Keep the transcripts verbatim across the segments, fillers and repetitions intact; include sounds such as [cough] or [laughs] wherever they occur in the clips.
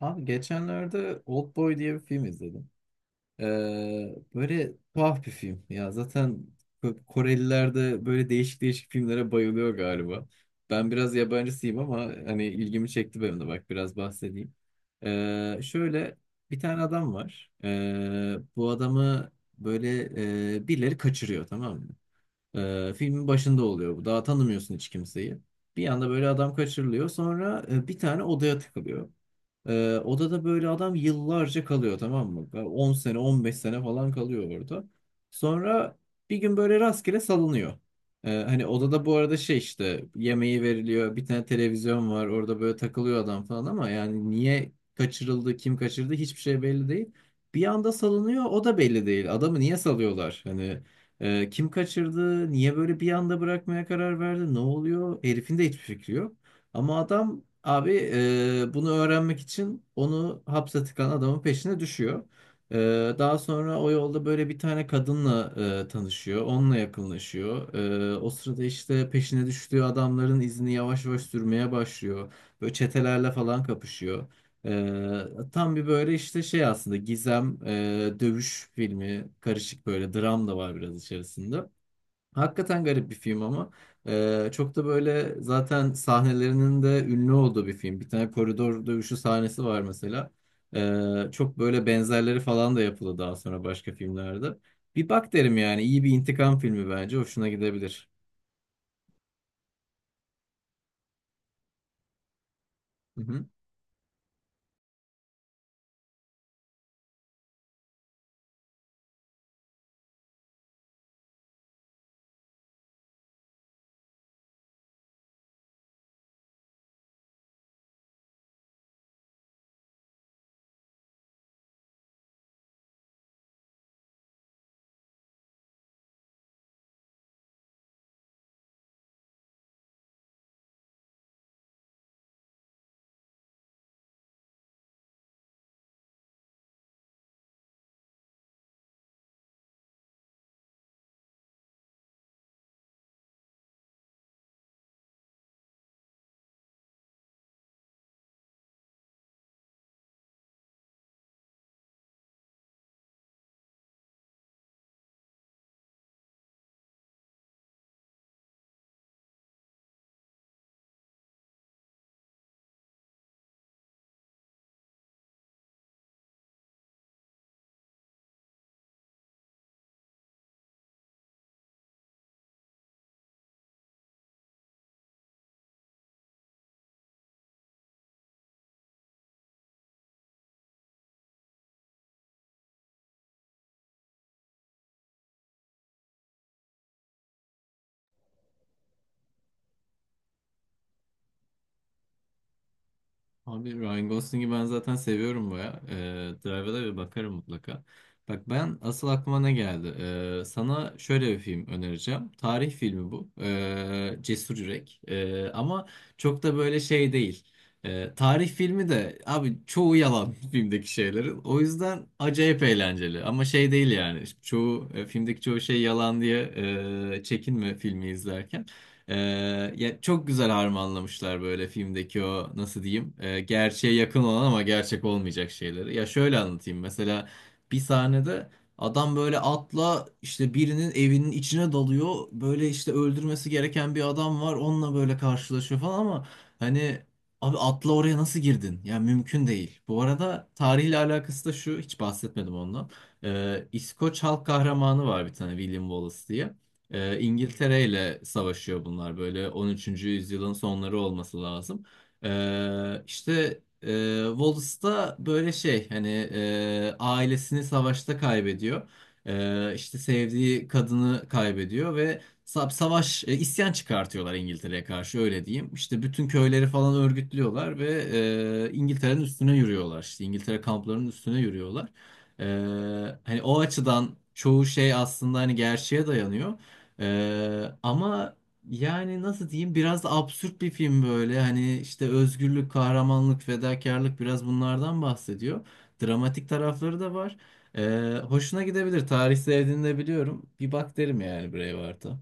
Abi geçenlerde Oldboy diye bir film izledim. Ee, böyle tuhaf bir film. Ya zaten Ko- Koreliler de böyle değişik değişik filmlere bayılıyor galiba. Ben biraz yabancısıyım ama hani ilgimi çekti benim de bak biraz bahsedeyim. Ee, şöyle bir tane adam var. Ee, bu adamı böyle e, birileri kaçırıyor, tamam mı? Ee, filmin başında oluyor bu. Daha tanımıyorsun hiç kimseyi. Bir anda böyle adam kaçırılıyor. Sonra e, bir tane odaya tıkılıyor. Ee, odada böyle adam yıllarca kalıyor, tamam mı? Böyle on sene on beş sene falan kalıyor orada. Sonra bir gün böyle rastgele salınıyor. Ee, hani odada bu arada şey işte yemeği veriliyor, bir tane televizyon var, orada böyle takılıyor adam falan, ama yani niye kaçırıldı, kim kaçırdı, hiçbir şey belli değil. Bir anda salınıyor, o da belli değil. Adamı niye salıyorlar? Hani e, kim kaçırdı? Niye böyle bir anda bırakmaya karar verdi? Ne oluyor? Herifin de hiçbir fikri yok. Ama adam abi e, bunu öğrenmek için onu hapse tıkan adamın peşine düşüyor. E, daha sonra o yolda böyle bir tane kadınla e, tanışıyor. Onunla yakınlaşıyor. E, o sırada işte peşine düştüğü adamların izini yavaş yavaş sürmeye başlıyor. Böyle çetelerle falan kapışıyor. E, tam bir böyle işte şey, aslında gizem, e, dövüş filmi karışık, böyle dram da var biraz içerisinde. Hakikaten garip bir film, ama eee, çok da böyle zaten sahnelerinin de ünlü olduğu bir film. Bir tane koridor dövüşü sahnesi var mesela. Eee, çok böyle benzerleri falan da yapıldı daha sonra başka filmlerde. Bir bak derim yani, iyi bir intikam filmi, bence hoşuna gidebilir. Hı hı. Abi Ryan Gosling'i ben zaten seviyorum baya. Ee, Drive'a da bir bakarım mutlaka. Bak, ben asıl aklıma ne geldi? Ee, sana şöyle bir film önereceğim. Tarih filmi bu. Ee, Cesur Yürek. Ee, ama çok da böyle şey değil. Ee, tarih filmi de abi, çoğu yalan [laughs] filmdeki şeylerin. O yüzden acayip eğlenceli. Ama şey değil yani. Çoğu e, filmdeki çoğu şey yalan diye e, çekinme filmi izlerken. Ee, ya çok güzel harmanlamışlar böyle filmdeki o, nasıl diyeyim, e, gerçeğe yakın olan ama gerçek olmayacak şeyleri. Ya şöyle anlatayım, mesela bir sahnede adam böyle atla işte birinin evinin içine dalıyor, böyle işte öldürmesi gereken bir adam var, onunla böyle karşılaşıyor falan, ama hani abi, atla oraya nasıl girdin? Ya mümkün değil. Bu arada tarihle alakası da şu, hiç bahsetmedim ondan. Ee, İskoç halk kahramanı var bir tane, William Wallace diye. Ee, İngiltere ile savaşıyor bunlar, böyle on üçüncü yüzyılın sonları olması lazım. Ee, işte e, Wallace da böyle şey, hani e, ailesini savaşta kaybediyor. Ee, işte sevdiği kadını kaybediyor ve sa- savaş e, isyan çıkartıyorlar İngiltere'ye karşı, öyle diyeyim. İşte bütün köyleri falan örgütlüyorlar ve e, İngiltere'nin üstüne yürüyorlar. İşte İngiltere kamplarının üstüne yürüyorlar. Ee, hani o açıdan çoğu şey aslında hani gerçeğe dayanıyor. Ee, ama yani nasıl diyeyim, biraz da absürt bir film böyle. Hani işte özgürlük, kahramanlık, fedakarlık, biraz bunlardan bahsediyor. Dramatik tarafları da var. Ee, hoşuna gidebilir. Tarih sevdiğini de biliyorum. Bir bak derim yani Braveheart'a.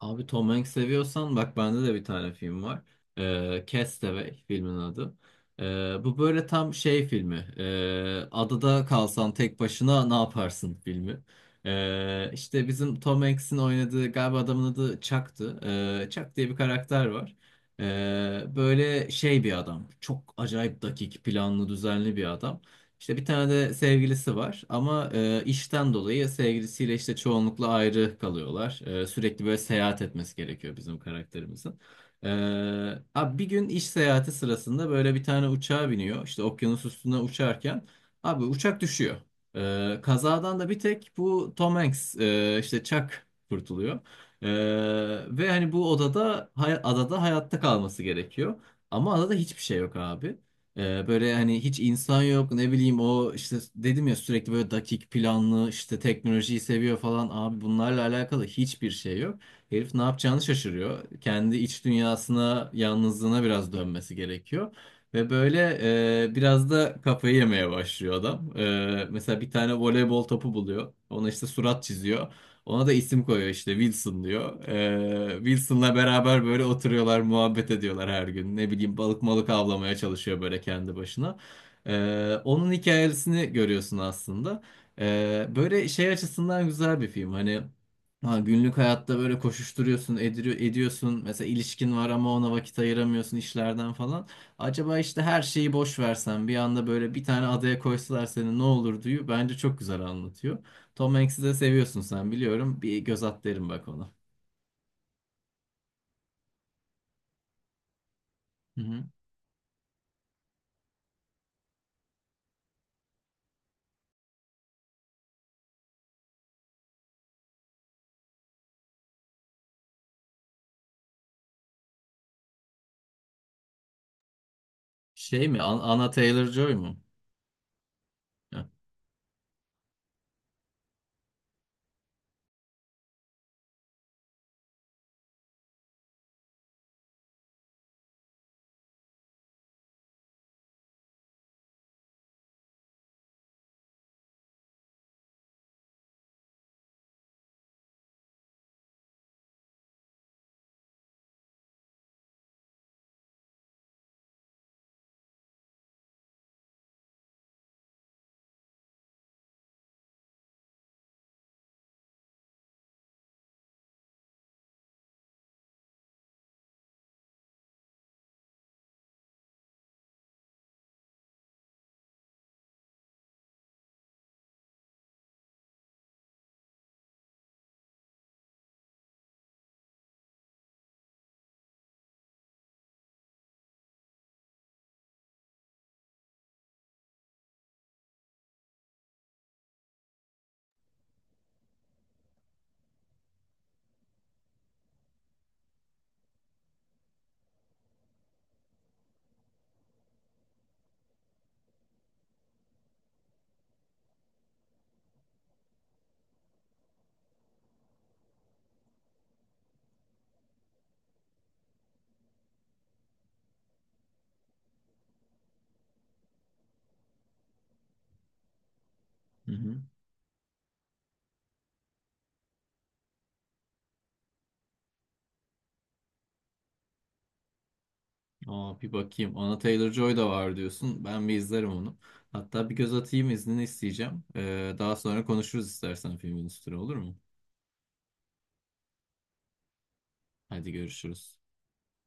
Abi, Tom Hanks seviyorsan, bak bende de bir tane film var. Ee, Castaway filmin adı. Ee, bu böyle tam şey filmi. Ee, adada kalsan tek başına ne yaparsın filmi. Ee, işte bizim Tom Hanks'in oynadığı, galiba adamın adı Chuck'tı. Ee, Chuck diye bir karakter var. Ee, böyle şey bir adam. Çok acayip dakik, planlı, düzenli bir adam. İşte bir tane de sevgilisi var, ama e, işten dolayı sevgilisiyle işte çoğunlukla ayrı kalıyorlar. E, sürekli böyle seyahat etmesi gerekiyor bizim karakterimizin. E, abi bir gün iş seyahati sırasında böyle bir tane uçağa biniyor. İşte okyanus üstüne uçarken abi uçak düşüyor. E, kazadan da bir tek bu Tom Hanks, e, işte Chuck kurtuluyor. E, ve hani bu odada hay- adada hayatta kalması gerekiyor. Ama adada hiçbir şey yok abi. Ee, böyle hani hiç insan yok, ne bileyim, o işte dedim ya, sürekli böyle dakik planlı, işte teknolojiyi seviyor falan abi, bunlarla alakalı hiçbir şey yok. Herif ne yapacağını şaşırıyor. Kendi iç dünyasına, yalnızlığına biraz dönmesi gerekiyor. Ve böyle e, biraz da kafayı yemeye başlıyor adam. E, mesela bir tane voleybol topu buluyor. Ona işte surat çiziyor. Ona da isim koyuyor, işte Wilson diyor. Ee, Wilson'la beraber böyle oturuyorlar, muhabbet ediyorlar her gün. Ne bileyim balık malık avlamaya çalışıyor böyle kendi başına. Ee, onun hikayesini görüyorsun aslında. Ee, böyle şey açısından güzel bir film. Hani ha, günlük hayatta böyle koşuşturuyorsun, ediriyor, ediyorsun. Mesela ilişkin var ama ona vakit ayıramıyorsun işlerden falan. Acaba işte her şeyi boş versen, bir anda böyle bir tane adaya koysalar seni, ne olur diyor. Bence çok güzel anlatıyor. Tom Hanks'i de seviyorsun sen, biliyorum. Bir göz at derim, bak ona. Hı hı. Şey mi? An- Anna Taylor-Joy mu? Heh. Hı hı. Aa, bir bakayım. Anna Taylor-Joy da var diyorsun. Ben bir izlerim onu. Hatta bir göz atayım, iznini isteyeceğim. Ee, daha sonra konuşuruz istersen filmin üstüne, olur mu? Hadi görüşürüz.